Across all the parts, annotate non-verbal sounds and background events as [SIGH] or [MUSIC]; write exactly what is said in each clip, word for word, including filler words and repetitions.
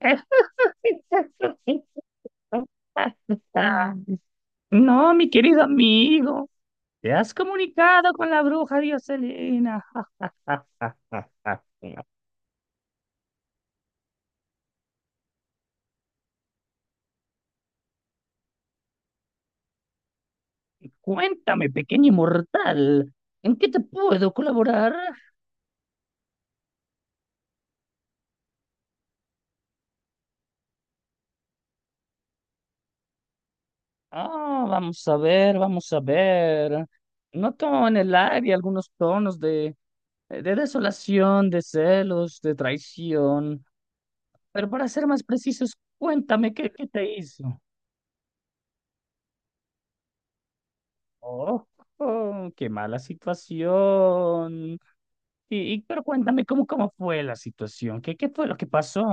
[LAUGHS] No, mi querido amigo, te has comunicado con la bruja Dioselina. [LAUGHS] Cuéntame, pequeño inmortal, ¿en qué te puedo colaborar? Ah, vamos a ver, vamos a ver. Noto en el aire algunos tonos de, de desolación, de celos, de traición. Pero para ser más precisos, cuéntame qué, qué te hizo. Oh, oh, qué mala situación. Y, y- pero cuéntame cómo, cómo fue la situación, qué, qué fue lo que pasó.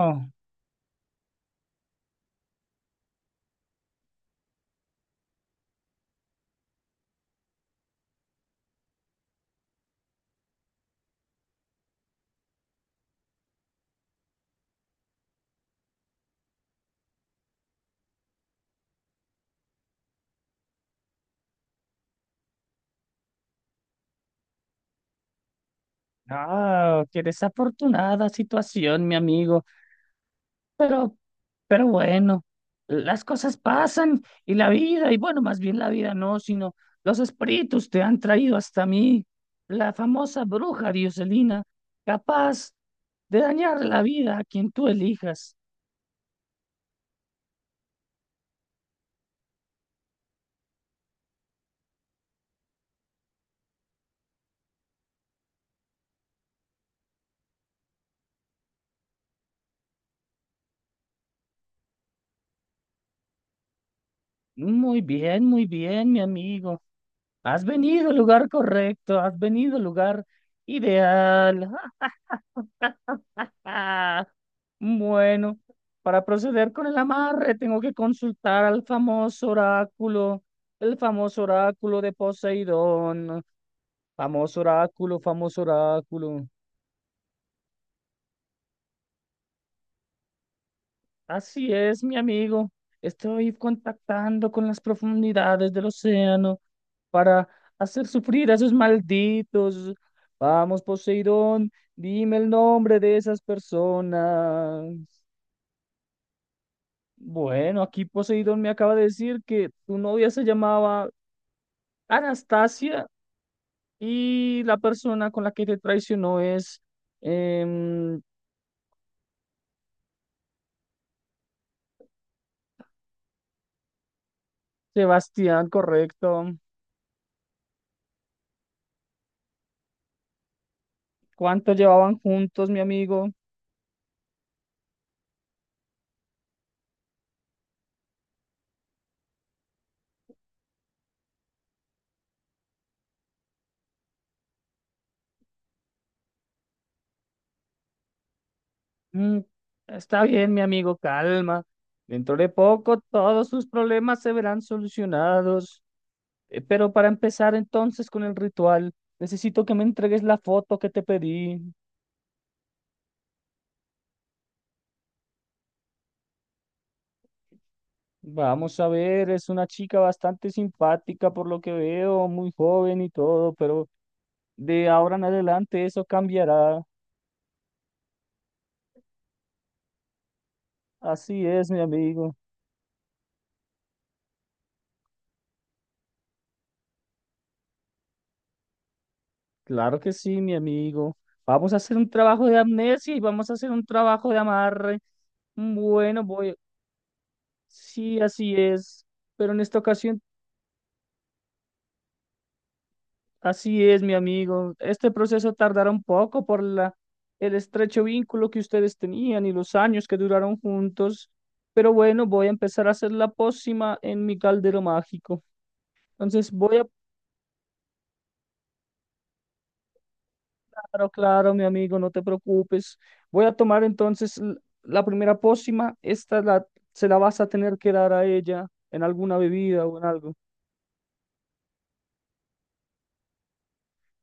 Ah, qué desafortunada situación, mi amigo. Pero, pero bueno, las cosas pasan y la vida, y bueno, más bien la vida no, sino los espíritus te han traído hasta mí. La famosa bruja Dioselina, capaz de dañar la vida a quien tú elijas. Muy bien, muy bien, mi amigo. Has venido al lugar correcto, has venido al lugar ideal. [LAUGHS] Ah, ah, bueno, para proceder con el amarre tengo que consultar al famoso oráculo, el famoso oráculo de Poseidón, famoso oráculo, famoso oráculo. Así es, mi amigo, estoy contactando con las profundidades del océano para hacer sufrir a esos malditos. Vamos, Poseidón, dime el nombre de esas personas. Bueno, aquí Poseidón me acaba de decir que tu novia se llamaba Anastasia y la persona con la que te traicionó es em, Sebastián, correcto. ¿Cuánto llevaban juntos, mi amigo? Mm, está bien, mi amigo, calma. Dentro de poco todos sus problemas se verán solucionados. Eh, Pero para empezar entonces con el ritual, necesito que me entregues la foto que te pedí. Vamos a ver, es una chica bastante simpática por lo que veo, muy joven y todo, pero de ahora en adelante eso cambiará. Así es, mi amigo. Claro que sí, mi amigo. Vamos a hacer un trabajo de amnesia y vamos a hacer un trabajo de amarre. Bueno, voy. Sí, así es. Pero en esta ocasión así es, mi amigo. Este proceso tardará un poco por la, el estrecho vínculo que ustedes tenían y los años que duraron juntos. Pero bueno, voy a empezar a hacer la pócima en mi caldero mágico. Entonces voy a, claro, claro, mi amigo, no te preocupes. Voy a tomar entonces l- la primera pócima. Esta la, se la vas a tener que dar a ella en alguna bebida o en algo.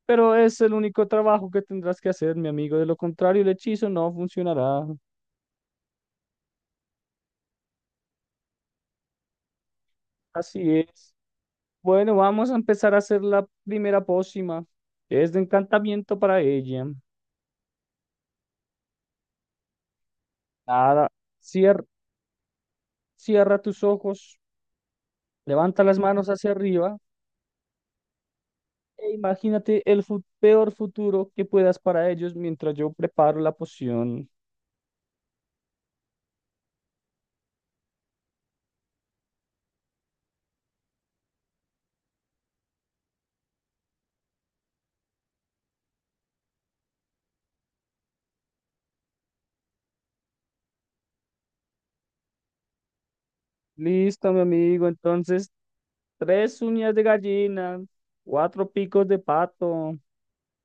Pero es el único trabajo que tendrás que hacer, mi amigo. De lo contrario, el hechizo no funcionará. Así es. Bueno, vamos a empezar a hacer la primera pócima. Es de encantamiento para ella. Nada, cier- cierra tus ojos, levanta las manos hacia arriba e imagínate el fu- peor futuro que puedas para ellos mientras yo preparo la poción. Listo, mi amigo. Entonces, tres uñas de gallina, cuatro picos de pato,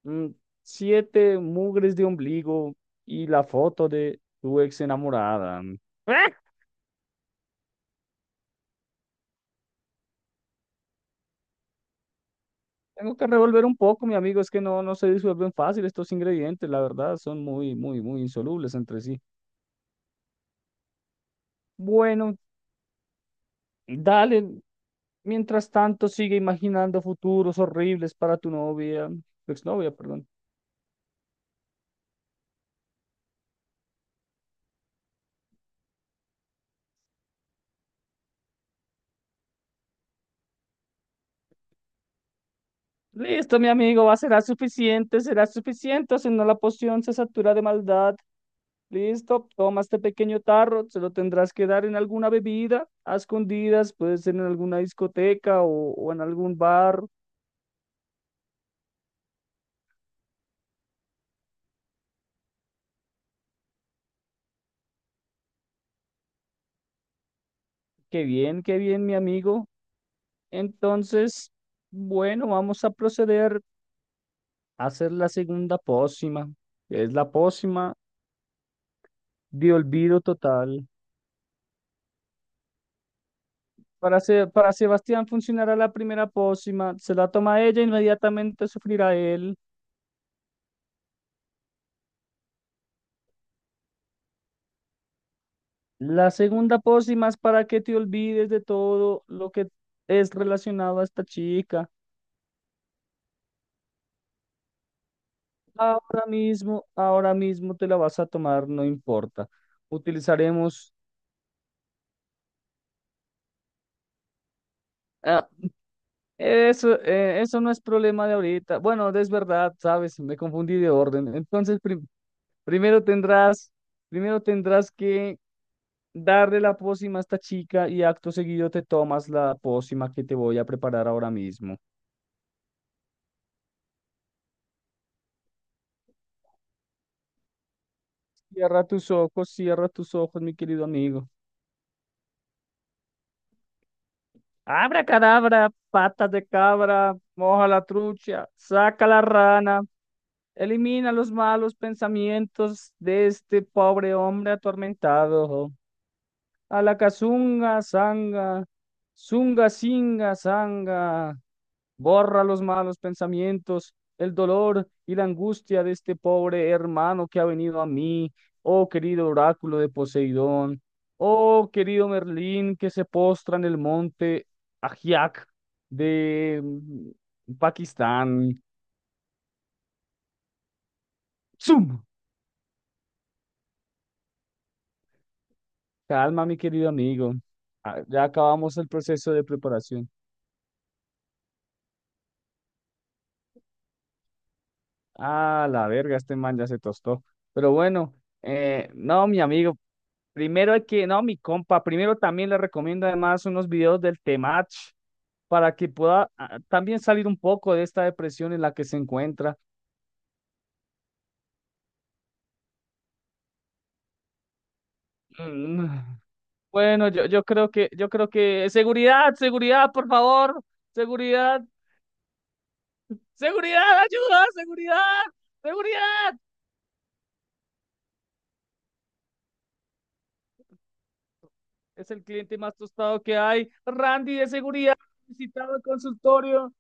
mm, siete mugres de ombligo y la foto de tu ex enamorada. [LAUGHS] Tengo que revolver un poco, mi amigo, es que no, no se disuelven fácil estos ingredientes, la verdad, son muy, muy, muy insolubles entre sí. Bueno, dale, mientras tanto sigue imaginando futuros horribles para tu novia, tu exnovia, perdón. Listo, mi amigo, va, será suficiente, será suficiente, o si no la poción se satura de maldad. Listo, toma este pequeño tarro, se lo tendrás que dar en alguna bebida, a escondidas, puede ser en alguna discoteca o, o en algún bar. Qué bien, qué bien, mi amigo. Entonces, bueno, vamos a proceder a hacer la segunda pócima, que es la pócima de olvido total. Para, Se- para Sebastián funcionará la primera pócima, se la toma ella, inmediatamente sufrirá él. La segunda pócima es para que te olvides de todo lo que es relacionado a esta chica. Ahora mismo, ahora mismo te la vas a tomar, no importa. Utilizaremos ah, eso, eh, eso no es problema de ahorita. Bueno, es verdad, sabes, me confundí de orden. Entonces, prim- primero tendrás, primero tendrás que darle la pócima a esta chica y acto seguido te tomas la pócima que te voy a preparar ahora mismo. Cierra tus ojos, cierra tus ojos, mi querido amigo. Abra cadabra, patas de cabra, moja la trucha, saca la rana, elimina los malos pensamientos de este pobre hombre atormentado. A la cazunga, zanga, zunga, singa, zanga. Borra los malos pensamientos, el dolor y la angustia de este pobre hermano que ha venido a mí. Oh querido oráculo de Poseidón, oh querido Merlín que se postra en el monte Ajiac de mm, Pakistán. ¡Zum! Calma, mi querido amigo. Ah, Ya acabamos el proceso de preparación. Ah, la verga, este man ya se tostó. Pero bueno, eh, no, mi amigo, primero hay que, no, mi compa, primero también le recomiendo además unos videos del Temach para que pueda ah, también salir un poco de esta depresión en la que se encuentra. Mm, bueno, yo, yo creo que, yo creo que, seguridad, seguridad, por favor, seguridad, seguridad, ayuda, seguridad, seguridad. Es el cliente más tostado que hay. Randy de seguridad, visitado el consultorio.